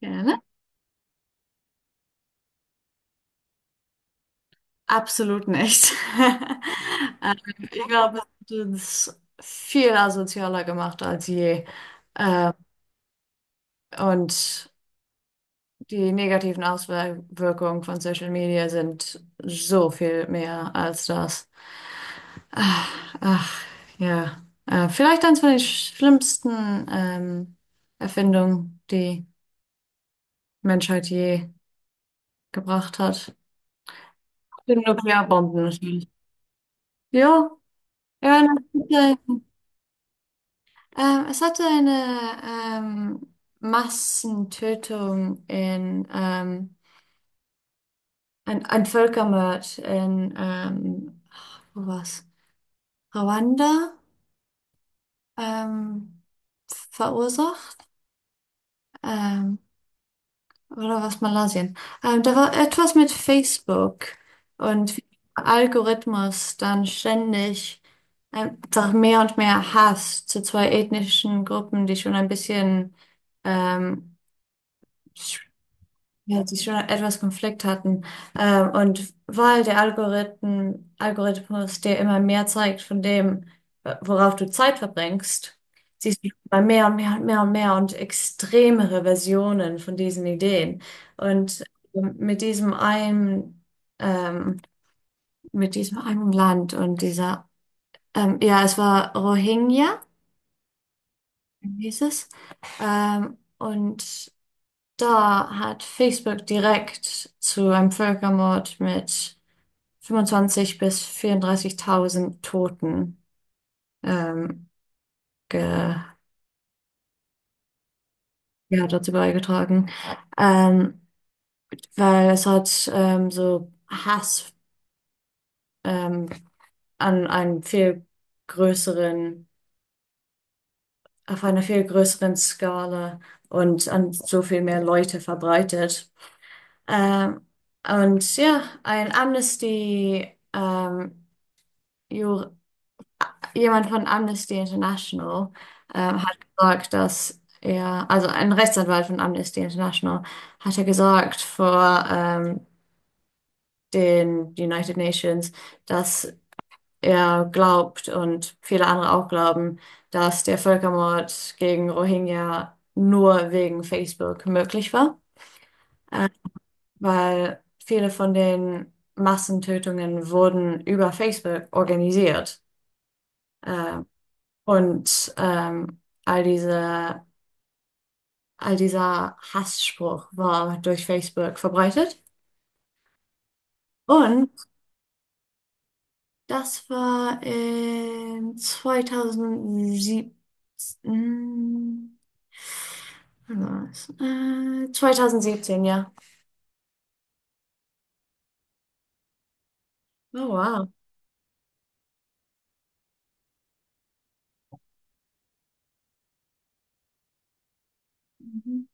Gerne. Absolut nicht. Ähm, Ich glaube, es hat uns viel asozialer gemacht als je. Ähm, Und die negativen Auswirkungen von Social Media sind so viel mehr als das. Ach, ach, ja. Vielleicht eines von den schlimmsten Erfindungen, die Menschheit je gebracht hat. Die Nuklearbomben natürlich. Ja, ja, es hatte eine ähm, Massentötung in, ein Völkermord in, wo war's? Ruanda, ähm, verursacht, ähm, oder was, Malaysia? Da war etwas mit Facebook und wie der Algorithmus dann ständig einfach mehr und mehr Hass zu zwei ethnischen Gruppen, die schon ein bisschen ähm, ja, die schon etwas Konflikt hatten. Und weil der Algorithmus dir immer mehr zeigt von dem, worauf du Zeit verbringst, siehst du immer mehr und mehr und mehr und mehr und extremere Versionen von diesen Ideen. Und ähm, mit diesem einen, ähm, mit diesem einen Land und ja, es war Rohingya, hieß es. Und da hat Facebook direkt zu einem Völkermord mit 25 bis 34.000 Toten ähm, ge ja, dazu beigetragen, ähm, weil es hat, so Hass, ähm, an einem viel größeren, auf einer viel größeren Skala und an so viel mehr Leute verbreitet. Ähm, und ja, ein Amnesty Jur jemand von Amnesty International Mhm. hat gesagt, dass er, also ein Rechtsanwalt von Amnesty International, hat er gesagt vor den United Nations, dass er glaubt und viele andere auch glauben, dass der Völkermord gegen Rohingya nur wegen Facebook möglich war, äh, weil viele von den Massentötungen wurden über Facebook organisiert. Äh, und all dieser Hassspruch war durch Facebook verbreitet. Und das war in 2007. mm, wann war das? 2017, ja. Oh, wow. Mhm.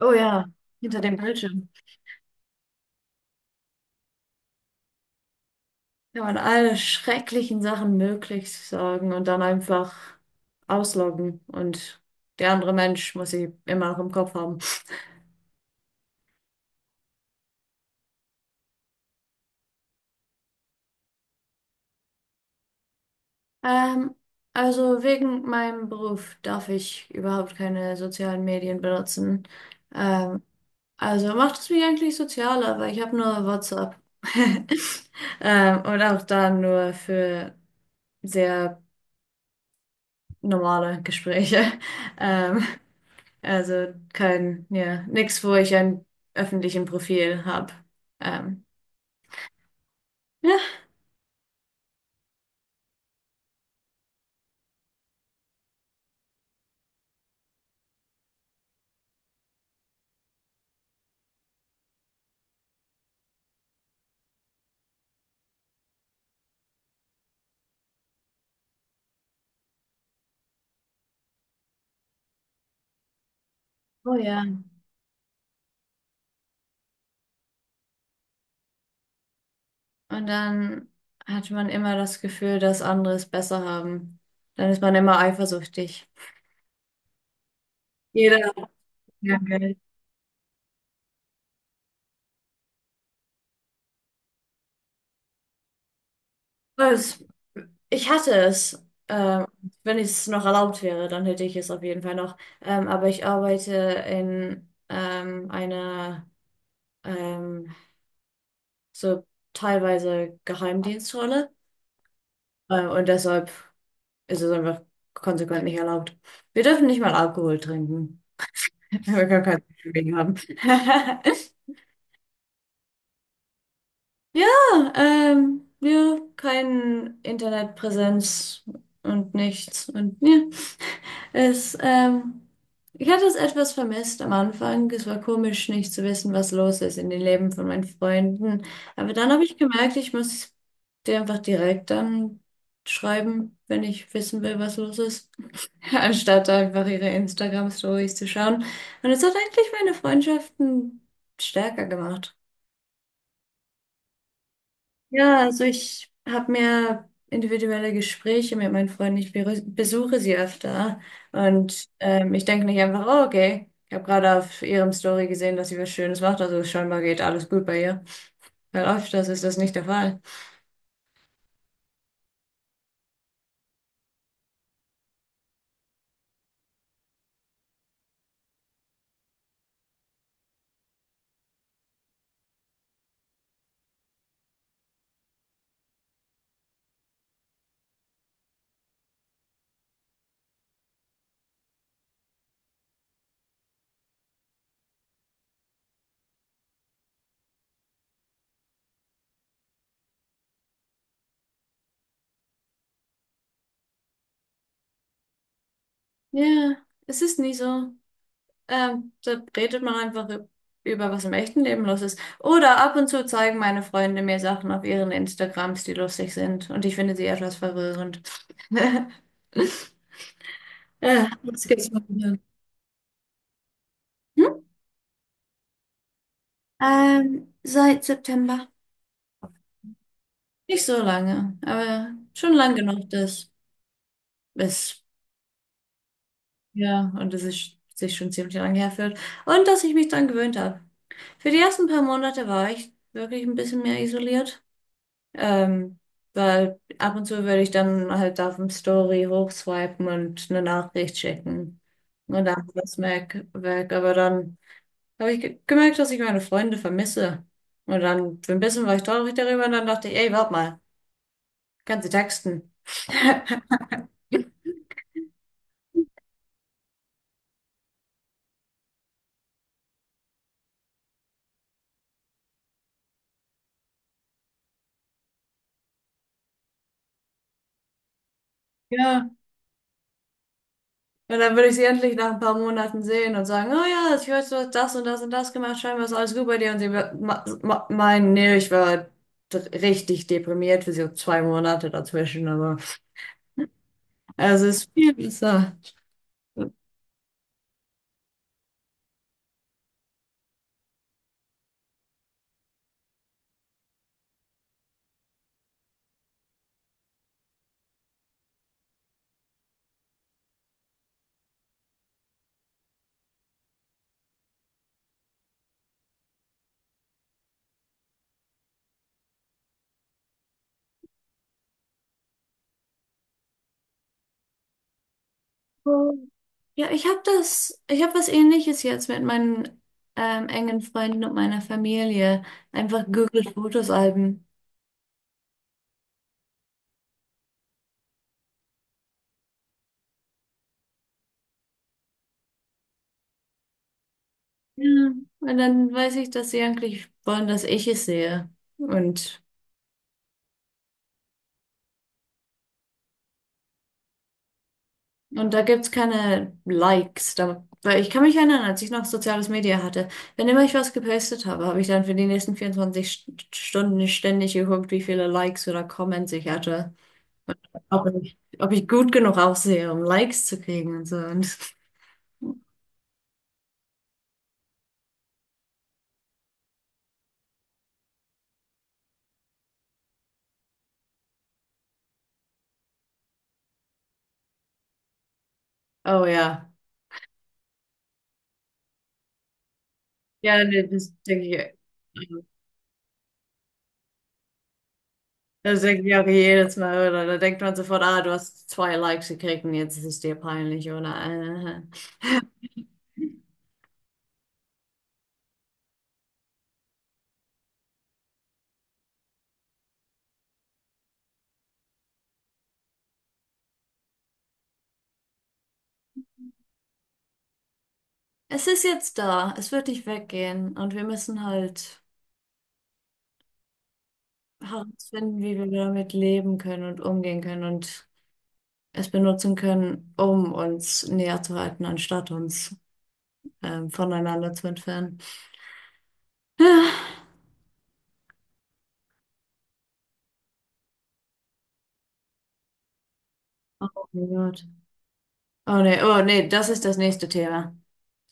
Oh ja, hinter dem Bildschirm kann man alle schrecklichen Sachen möglich sagen und dann einfach ausloggen. Und der andere Mensch muss sie immer noch im Kopf haben. Ähm, also wegen meinem Beruf darf ich überhaupt keine sozialen Medien benutzen. Ähm, also macht es mich eigentlich sozialer, weil ich habe nur WhatsApp. Und auch da nur für sehr normale Gespräche. Ähm, also kein, ja, nichts, wo ich ein öffentlichen Profil habe. Ähm, ja. Oh ja. Und dann hat man immer das Gefühl, dass andere es besser haben. Dann ist man immer eifersüchtig. Jeder hat mehr Geld. Es- Ich hatte es. Ähm, wenn es noch erlaubt wäre, dann hätte ich es auf jeden Fall noch. Aber ich arbeite in einer, ähm, so teilweise, Geheimdienstrolle. Und deshalb ist es einfach konsequent nicht erlaubt. Wir dürfen nicht mal Alkohol trinken. Wir können kein Problem haben. Ja, ja, keine Internetpräsenz und nichts. Und ja, es, ähm, ich hatte es etwas vermisst am Anfang. Es war komisch, nicht zu wissen, was los ist in den Leben von meinen Freunden. Aber dann habe ich gemerkt, ich muss dir einfach direkt dann schreiben, wenn ich wissen will, was los ist, anstatt einfach ihre Instagram-Stories zu schauen. Und es hat eigentlich meine Freundschaften stärker gemacht. Ja, also ich habe mir individuelle Gespräche mit meinen Freunden. Ich besuche sie öfter und ich denke nicht einfach, oh, okay, ich habe gerade auf ihrem Story gesehen, dass sie was Schönes macht, also scheinbar geht alles gut bei ihr. Weil öfters ist das nicht der Fall. Ja, es ist nie so. Da redet man einfach über, was im echten Leben los ist. Oder ab und zu zeigen meine Freunde mir Sachen auf ihren Instagrams, die lustig sind und ich finde sie etwas verwirrend. Ja, das gibt's mal wieder. Seit September. Nicht so lange, aber schon lang genug, dass es, ja, und dass es sich schon ziemlich lange herfühlt. Und dass ich mich dran gewöhnt habe. Für die ersten paar Monate war ich wirklich ein bisschen mehr isoliert. Ähm, weil ab und zu würde ich dann halt auf dem Story hochswipen und eine Nachricht schicken. Und dann war es weg, weg. Aber dann habe ich gemerkt, dass ich meine Freunde vermisse. Und dann für ein bisschen war ich traurig darüber und dann dachte ich, ey, warte mal. Kannst du texten. Ja. Und dann würde ich sie endlich nach ein paar Monaten sehen und sagen, oh ja, ich weiß, du hast das und das und das gemacht, scheinbar ist alles gut bei dir. Und sie meinen, nee, ich war richtig deprimiert für so 2 Monate dazwischen, aber also es ist viel besser. Oh. Ja, ich habe was Ähnliches jetzt mit meinen engen Freunden und meiner Familie. Einfach Google Fotosalben. Ja. Und dann weiß ich, dass sie eigentlich wollen, dass ich es sehe. Und, und da gibt's keine Likes. Da, weil ich kann mich erinnern, als ich noch soziales Media hatte, wenn immer ich was gepostet habe, habe ich dann für die nächsten 24 Stunden ständig geguckt, wie viele Likes oder Comments ich hatte. Ob ich gut genug aussehe, um Likes zu kriegen und so. Oh ja. Ja, nee, das denke ich. Ja. Das denke ich auch jedes Mal, oder? Da denkt man sofort, ah, du hast zwei Likes gekriegt und jetzt ist es dir peinlich, oder? Äh. Es ist jetzt da. Es wird nicht weggehen. Und wir müssen halt herausfinden, wie wir damit leben können und umgehen können und es benutzen können, um uns näher zu halten, anstatt uns voneinander zu entfernen. Ah, oh mein Gott. Oh nee, das ist das nächste Thema.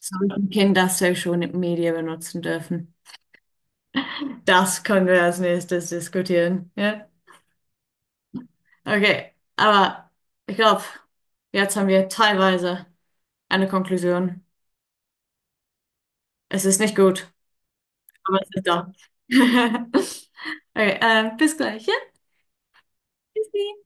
Sollten Kinder Social Media benutzen dürfen? Das können wir als nächstes diskutieren. Ja? Okay, aber ich glaube, jetzt haben wir teilweise eine Konklusion. Es ist nicht gut, aber es ist da. Okay, bis gleich. Ja, bis